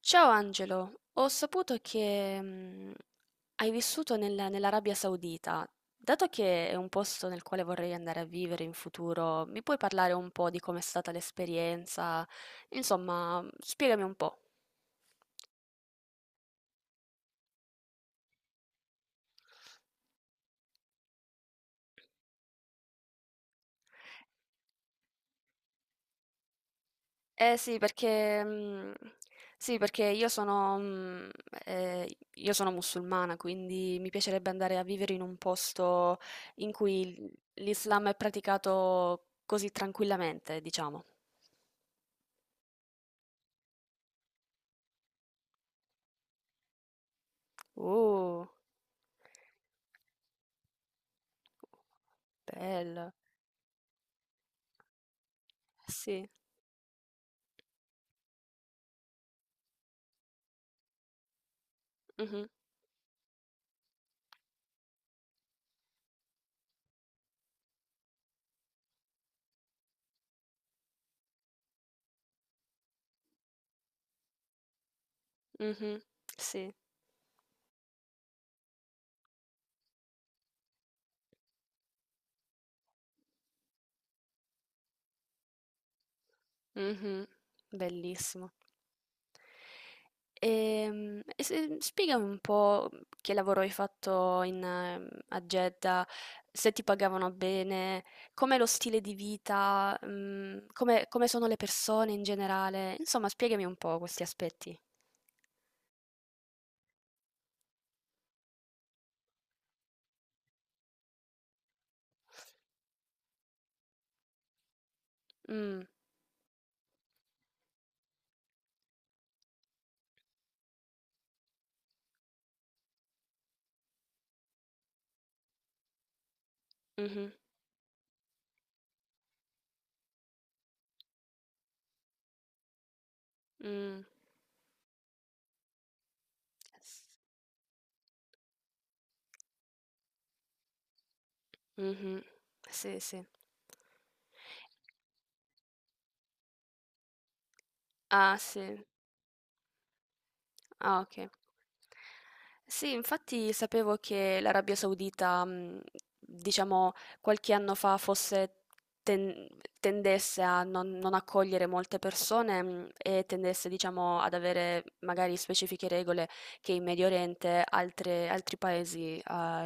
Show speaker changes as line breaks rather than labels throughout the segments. Ciao Angelo, ho saputo che hai vissuto nell'Arabia Saudita. Dato che è un posto nel quale vorrei andare a vivere in futuro, mi puoi parlare un po' di com'è stata l'esperienza? Insomma, spiegami un po'. Eh sì, perché, sì, perché io sono musulmana, quindi mi piacerebbe andare a vivere in un posto in cui l'Islam è praticato così tranquillamente, diciamo. Uh. Bella. Sì. Mh-mh, mh-mh. Sì. Mh-mh. Bellissimo. E se spiegami un po' che lavoro hai fatto in a Jeddah, se ti pagavano bene, com'è lo stile di vita, come sono le persone in generale. Insomma, spiegami un po' questi aspetti. Mh, mh-mh, mh. S Mh-mh. Sì, sì. Ah, sì. Ah, ok. Sì, infatti sapevo che l'Arabia Saudita, diciamo, qualche anno fa fosse ten- tendesse a non accogliere molte persone, e tendesse, diciamo, ad avere magari specifiche regole che in Medio Oriente altri paesi,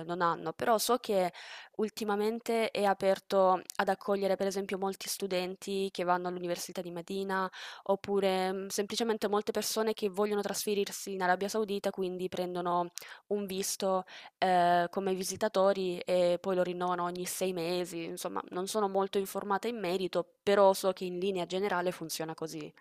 non hanno. Però so che ultimamente è aperto ad accogliere, per esempio, molti studenti che vanno all'Università di Medina. Oppure, semplicemente molte persone che vogliono trasferirsi in Arabia Saudita, quindi prendono un visto, come visitatori e poi lo rinnovano ogni 6 mesi. Insomma, non sono molto informata in merito, però so che in linea generale funziona così.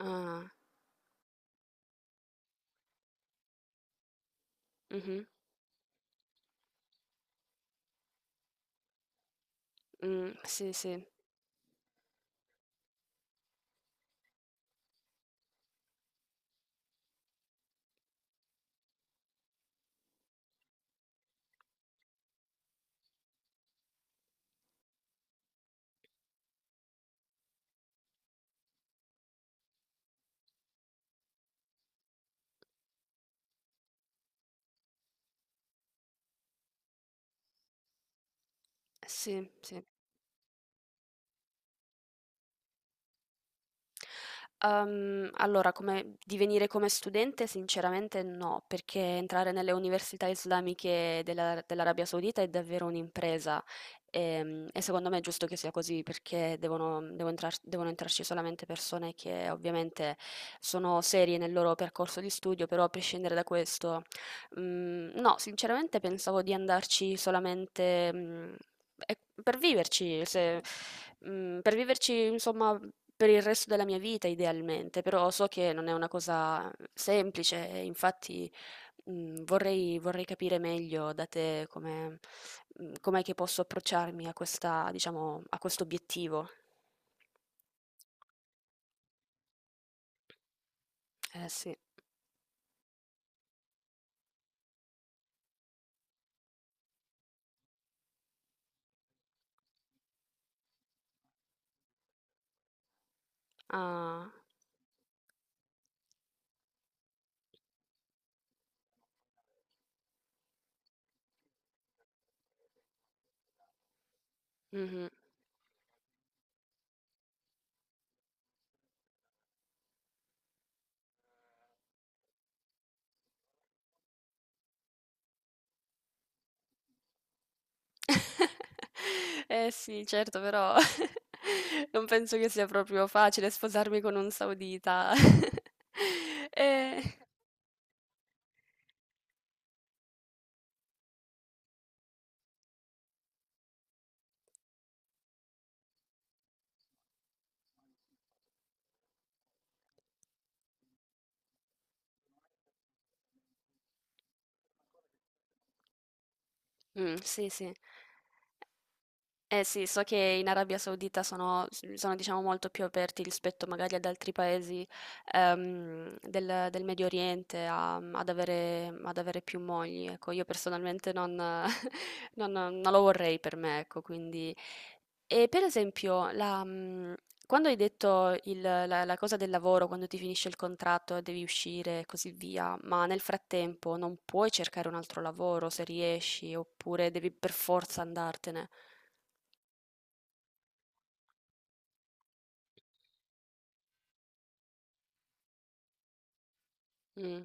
Ah, mh-mh, sì, sì, sì, sì. Allora, come divenire come studente sinceramente no, perché entrare nelle università islamiche della dell'Arabia Saudita è davvero un'impresa. E secondo me è giusto che sia così perché devono entrarci solamente persone che ovviamente sono serie nel loro percorso di studio, però a prescindere da questo. No, sinceramente pensavo di andarci solamente, e per viverci, se mhmm, per viverci insomma per il resto della mia vita idealmente, però so che non è una cosa semplice e infatti, vorrei capire meglio da te com'è che posso approcciarmi a questa diciamo, a questo obiettivo. Eh sì, ah, mh-mh. Eh sì, certo, però non penso che sia proprio facile sposarmi con un saudita. Eh, mm, sì, sì. Eh sì, so che in Arabia Saudita sono, diciamo, molto più aperti rispetto magari ad altri paesi del Medio Oriente ad avere più mogli. Ecco, io personalmente non, non lo vorrei per me, ecco, quindi. E per esempio, quando hai detto la cosa del lavoro, quando ti finisce il contratto e devi uscire e così via, ma nel frattempo non puoi cercare un altro lavoro se riesci, oppure devi per forza andartene. Mh,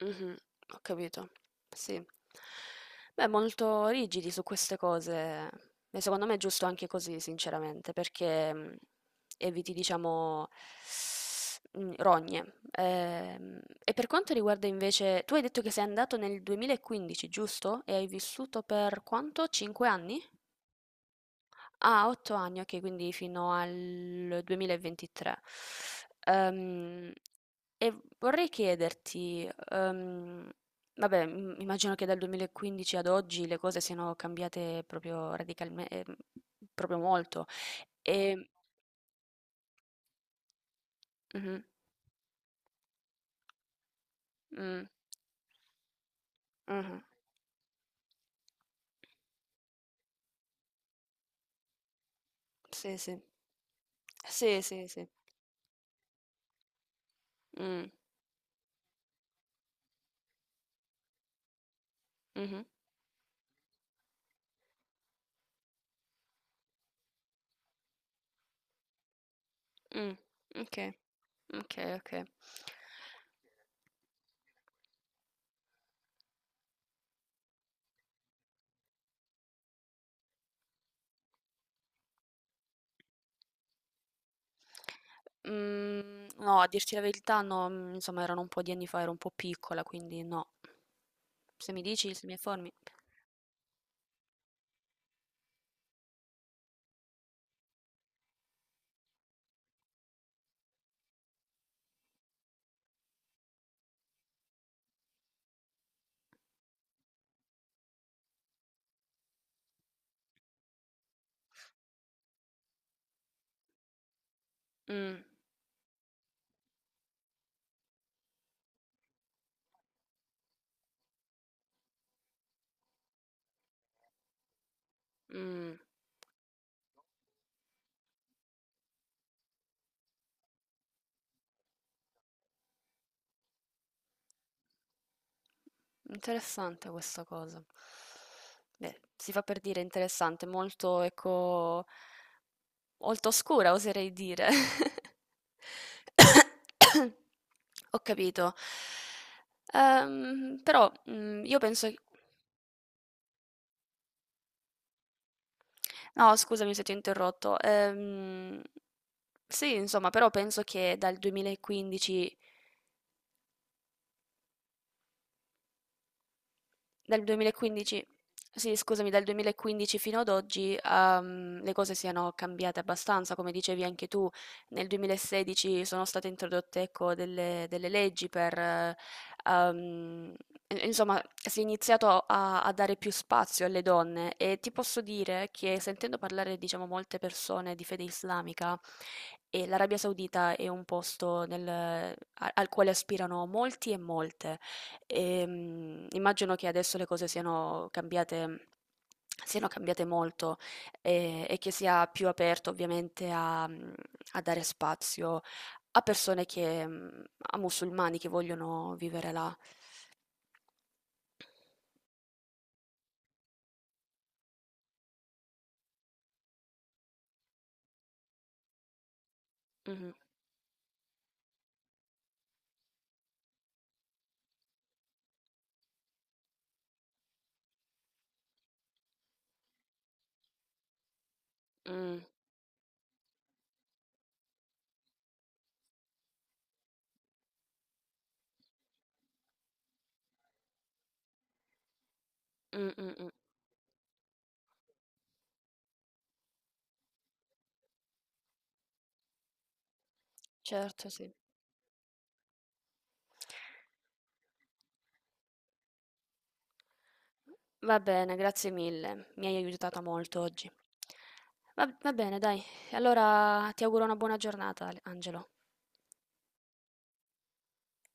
mh-mh, ho capito. Sì. Beh, molto rigidi su queste cose, e secondo me è giusto anche così sinceramente, perché, eviti, diciamo, mhmm, rogne. E per quanto riguarda invece, tu hai detto che sei andato nel 2015, giusto? E hai vissuto per quanto? 5 anni? Ah, 8 anni, okay, quindi fino al 2023. Ehm, e vorrei chiederti, vabbè, im immagino che dal 2015 ad oggi le cose siano cambiate proprio molto. Ehm Mh-mh, mh, mh-mh. Sì, sì. Sì, sì, sì. Mh, mh-mh, mh. Okay, okay, okay. Mhmm, no, a dirti la verità no, insomma erano un po' di anni fa, ero un po' piccola, quindi no. Se mi dici, se mi informi. Mh, mh, Interessante questa cosa. Beh, si fa per dire interessante, molto ecco, molto oscura oserei dire. Ho capito. Però, io penso. No, scusami se ti ho interrotto. Sì, insomma, però penso che dal 2015, sì, scusami, dal 2015 fino ad oggi, le cose siano cambiate abbastanza, come dicevi anche tu. Nel 2016 sono state introdotte, ecco, delle leggi per, ehm, insomma, si è iniziato a dare più spazio alle donne, e ti posso dire che, sentendo parlare, diciamo, molte persone di fede islamica, e l'Arabia Saudita è un posto al quale aspirano molti e molte. Immagino che adesso le cose siano cambiate molto, e che sia più aperto ovviamente a dare spazio a persone che mhmm, a musulmani che vogliono vivere là. Mh-mh. Mh. Mh, mh, mh. Certo, sì. Va bene, grazie mille. Mi hai aiutata molto oggi. Va bene dai, allora ti auguro una buona giornata, Ale Angelo.